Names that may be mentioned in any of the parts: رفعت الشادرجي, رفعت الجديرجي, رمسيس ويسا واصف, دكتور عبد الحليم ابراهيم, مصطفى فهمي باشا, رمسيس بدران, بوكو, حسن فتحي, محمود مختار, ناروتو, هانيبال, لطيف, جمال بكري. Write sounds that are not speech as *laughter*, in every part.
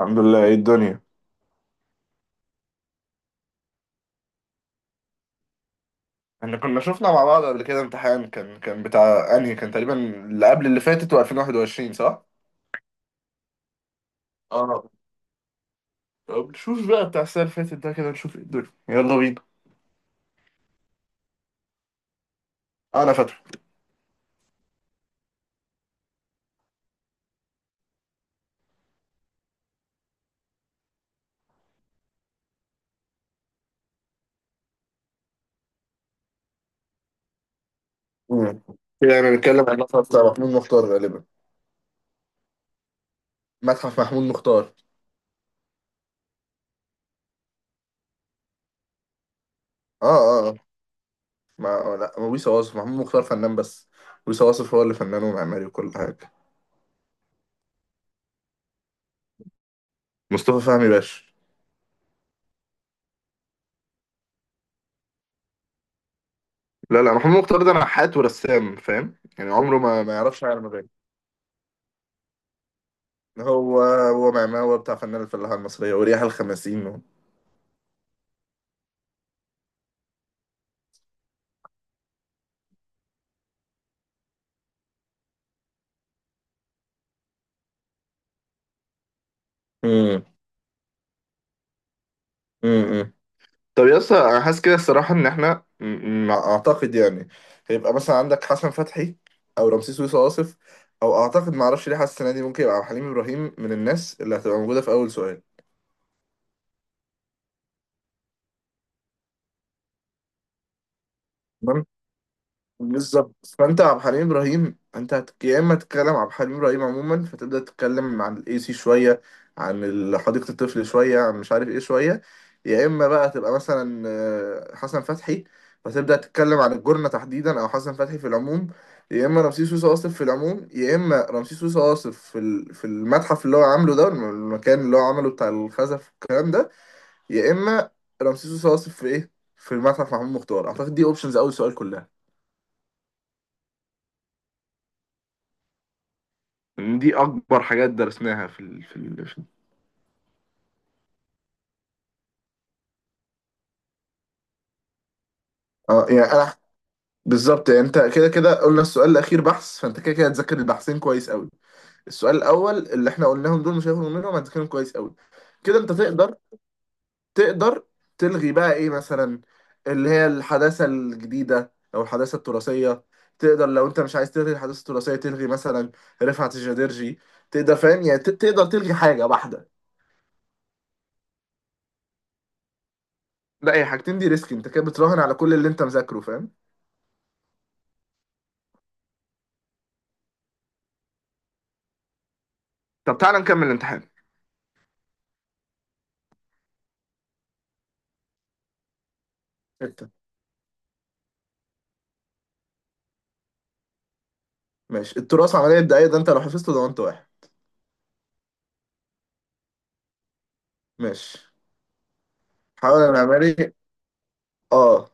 الحمد لله ايه الدنيا. احنا كنا شفنا مع بعض قبل كده امتحان كان بتاع انهي كان تقريبا اللي قبل اللي فاتت و2021 صح؟ اه. طب نشوف بقى بتاع السنة اللي فاتت ده كده نشوف ايه الدنيا يلا بينا. انا فاكره. امم كده احنا بنتكلم عن المتحف بتاع محمود مختار غالبا. متحف محمود مختار. اه اه اه. ما لا ويس واصف محمود مختار فنان بس. ويس واصف هو اللي فنان ومعماري وكل حاجة. مصطفى فهمي باشا. لا لا محمود مختار ده نحات ورسام فاهم يعني عمره ما يعرفش يعمل مباني. هو معماه هو بتاع فنان الفلاحة المصرية وريح الخمسين مم. مم. طب يا اسطى انا حاسس كده الصراحة ان احنا اعتقد يعني هيبقى مثلا عندك حسن فتحي او رمسيس ويصا واصف او اعتقد ما اعرفش ليه حاسس السنة دي ممكن يبقى حليم ابراهيم من الناس اللي هتبقى موجودة في اول سؤال. بالظبط، فانت عبد الحليم ابراهيم انت يا اما تتكلم عبد الحليم ابراهيم عموما فتبدا تتكلم عن الاي سي شويه، عن حديقه الطفل شويه، عن مش عارف ايه شويه. يا اما بقى تبقى مثلا حسن فتحي فتبدا تتكلم عن الجرنه تحديدا او حسن فتحي في العموم. يا اما رمسيس سوسه واصف في العموم، يا اما رمسيس سوسه واصف في في المتحف اللي هو عامله ده، المكان اللي هو عمله بتاع الخزف والكلام ده. يا اما رمسيس سوسه واصف في ايه، في المتحف محمود مختار. اعتقد دي اوبشنز اول سؤال كلها. إن دي اكبر حاجات درسناها في اه يعني انا، بالظبط يعني انت كده كده قلنا السؤال الاخير بحث، فانت كده كده هتذاكر البحثين كويس قوي. السؤال الاول اللي احنا قلناهم دول مش هيفرقوا منهم، هتذاكرهم كويس قوي. كده انت تقدر تلغي بقى ايه مثلا، اللي هي الحداثة الجديدة او الحداثة التراثية. تقدر لو انت مش عايز تلغي الحداثة التراثية تلغي مثلا رفعت الجدرجي. تقدر فاهم يعني تقدر تلغي حاجة واحدة. لا، هي حاجتين دي ريسك، انت كده بتراهن على كل اللي انت مذاكره فاهم. طب تعالى نكمل الامتحان. ستة، ماشي. التراث عملية دقايق ده، انت لو حفظته ضمنت واحد. ماشي. حاول المعماري، اه،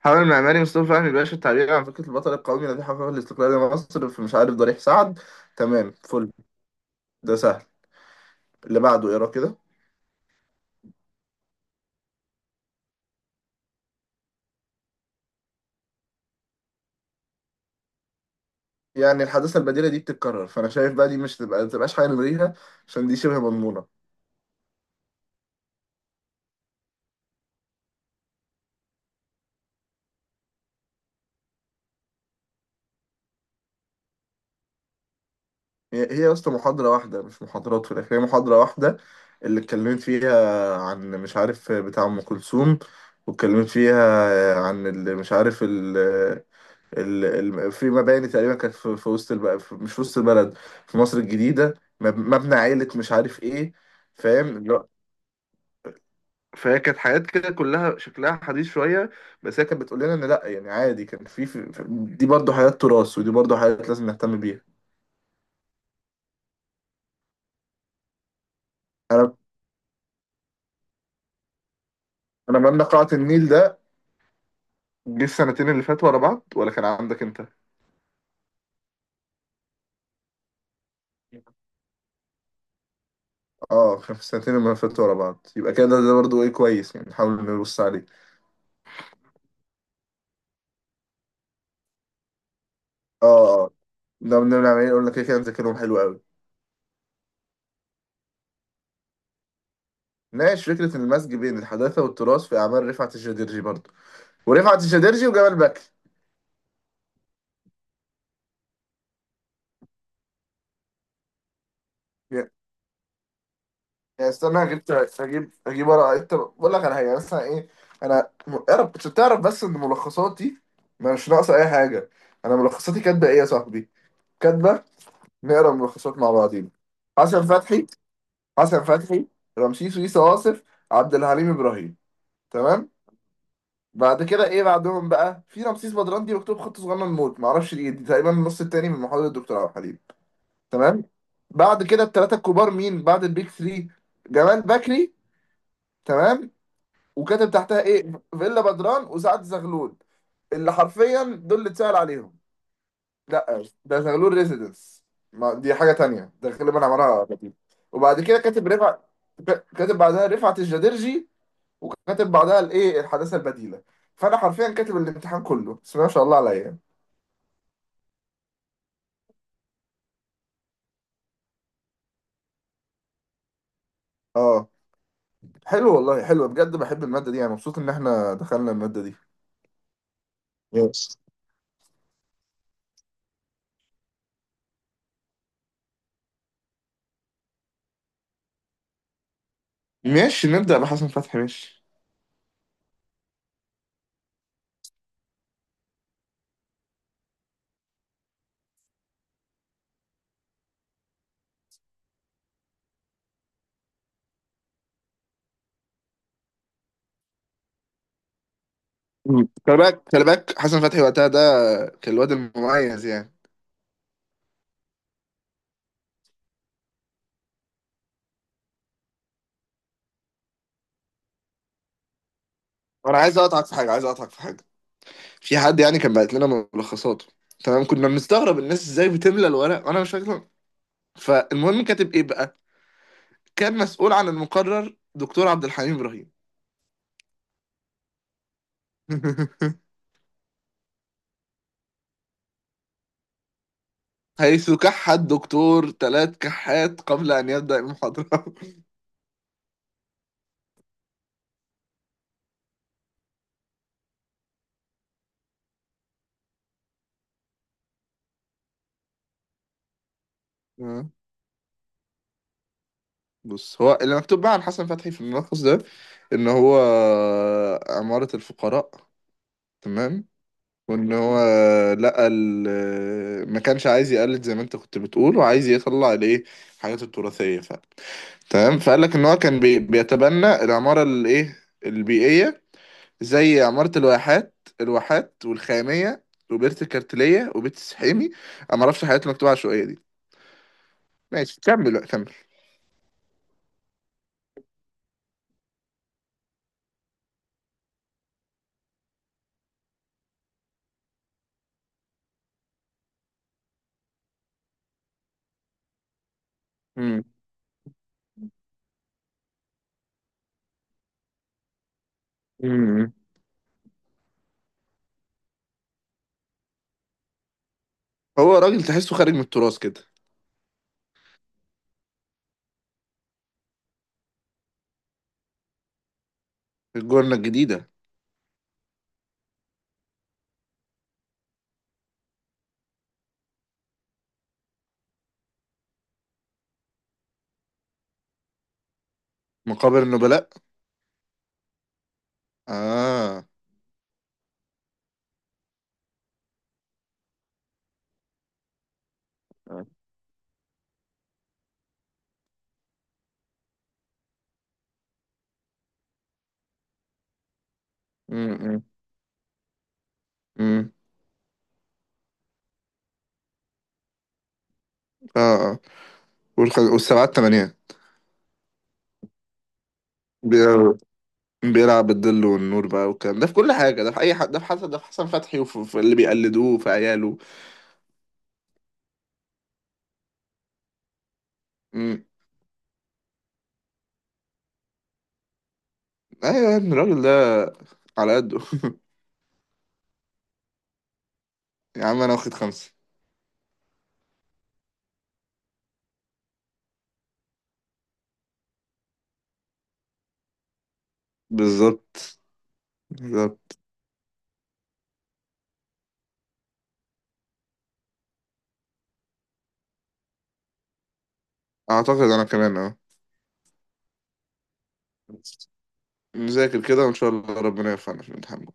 حاول المعماري مصطفى فهمي باشا التعبير عن فكرة البطل القومي الذي حقق الاستقلال لمصر في مش عارف ضريح سعد. تمام فل، ده سهل. اللي بعده اقرا كده. يعني الحداثة البديلة دي بتتكرر، فأنا شايف بقى دي مش تبقى متبقاش حاجة نلغيها، عشان دي شبه مضمونة. هي يا اسطى محاضرة واحدة مش محاضرات في الآخر، هي محاضرة واحدة اللي اتكلمت فيها عن مش عارف بتاع أم كلثوم، واتكلمت فيها عن اللي مش عارف في مباني تقريبا كانت في وسط مش في وسط البلد، في مصر الجديدة. مبنى عائلة مش عارف ايه. فاهم فهي كانت حاجات كده كلها شكلها حديث شوية، بس هي كانت بتقول لنا ان لا يعني عادي كان دي برضو حاجات تراث ودي برضو حاجات لازم نهتم بيها. انا، انا مبنى قاعة النيل ده جه السنتين اللي فاتوا ورا بعض ولا كان عندك انت؟ اه كان في السنتين اللي فاتوا ورا بعض، يبقى كده ده برضو ايه كويس يعني نحاول نبص عليه. اه اه. ده بنعمل ايه، قلنا كده كده مذاكرهم حلو قوي. ناقش فكرة المزج بين الحداثة والتراث في أعمال رفعت الشادرجي برضه، ورفعت الشادرجي وجمال بكر. يعني، استنى هجيب ورقة. أنت بقول لك على حاجة يعني مثلا إيه. أنا اعرف عشان تعرف بس إن ملخصاتي ما مش ناقصة أي حاجة. أنا ملخصاتي كاتبة إيه يا صاحبي؟ كاتبة. نقرا ملخصات مع بعضينا. حسن فتحي، حسن فتحي، رمسيس ويسا واصف، عبد الحليم إبراهيم. تمام؟ بعد كده إيه بعدهم بقى؟ في رمسيس بدران دي مكتوب خط صغنن موت معرفش، دي تقريبا النص التاني من محاضرة الدكتور عبد الحليم. تمام. بعد كده الثلاثه الكبار، مين بعد البيك 3؟ جمال بكري. تمام. وكاتب تحتها ايه؟ فيلا بدران وسعد زغلول، اللي حرفيا دول اللي اتسأل عليهم. لا ده زغلول ريزيدنس، ما دي حاجه تانية ده غالبا عملها لطيف. وبعد كده كاتب رفعت، كاتب بعدها رفعت الجديرجي، كاتب بعدها الايه، الحداثه البديله. فانا حرفيا كاتب الامتحان كله بس ما شاء الله عليا. اه حلو والله، حلو بجد، بحب الماده دي يعني، مبسوط ان احنا دخلنا الماده دي. Yes. ماشي نبدأ بحسن فتحي، ماشي. مم. خلي بالك خلي بالك، حسن فتحي وقتها ده كان الواد المميز يعني. انا عايز اقطعك في حاجه، عايز اقطعك في حاجه. في حد يعني كان بعت لنا ملخصاته. تمام كنا بنستغرب الناس ازاي بتملى الورق وانا مش فاكر. فالمهم كاتب ايه بقى؟ كان مسؤول عن المقرر دكتور عبد الحليم ابراهيم. *laughs* حيث كح الدكتور ثلاث كحات قبل ان يبدأ المحاضره. *laughs* آه. بص، هو اللي مكتوب بقى عن حسن فتحي في الملخص ده ان هو عمارة الفقراء. تمام. وان هو لقى ما كانش عايز يقلد زي ما انت كنت بتقول، وعايز يطلع الايه، الحاجات التراثيه فعلا. تمام، فقال لك ان هو كان بيتبنى العماره الايه، البيئيه، زي عماره الواحات، الواحات والخاميه، وبيت الكارتليه وبيت السحيمي. انا ما اعرفش الحاجات المكتوبه العشوائيه دي. ماشي كمل بقى، كمل. مم. مم. هو راجل تحسه خارج من التراث كده. الجنه الجديده. مقابر النبلاء. اه. مم. مم. مم. اه اه. والسبعات تمانية. بيلعب بيلعب بالظل والنور بقى والكلام ده في كل حاجة، ده في أي حد، ده في حسن، ده في حسن فتحي وفي اللي بيقلدوه في عياله. مم. أيوة يا ابني الراجل ده على قده. *laughs* يا عم أنا واخد خمسة. بالظبط بالظبط أعتقد أنا كمان أه. نذاكر كده وإن شاء الله ربنا يوفقنا في الامتحان.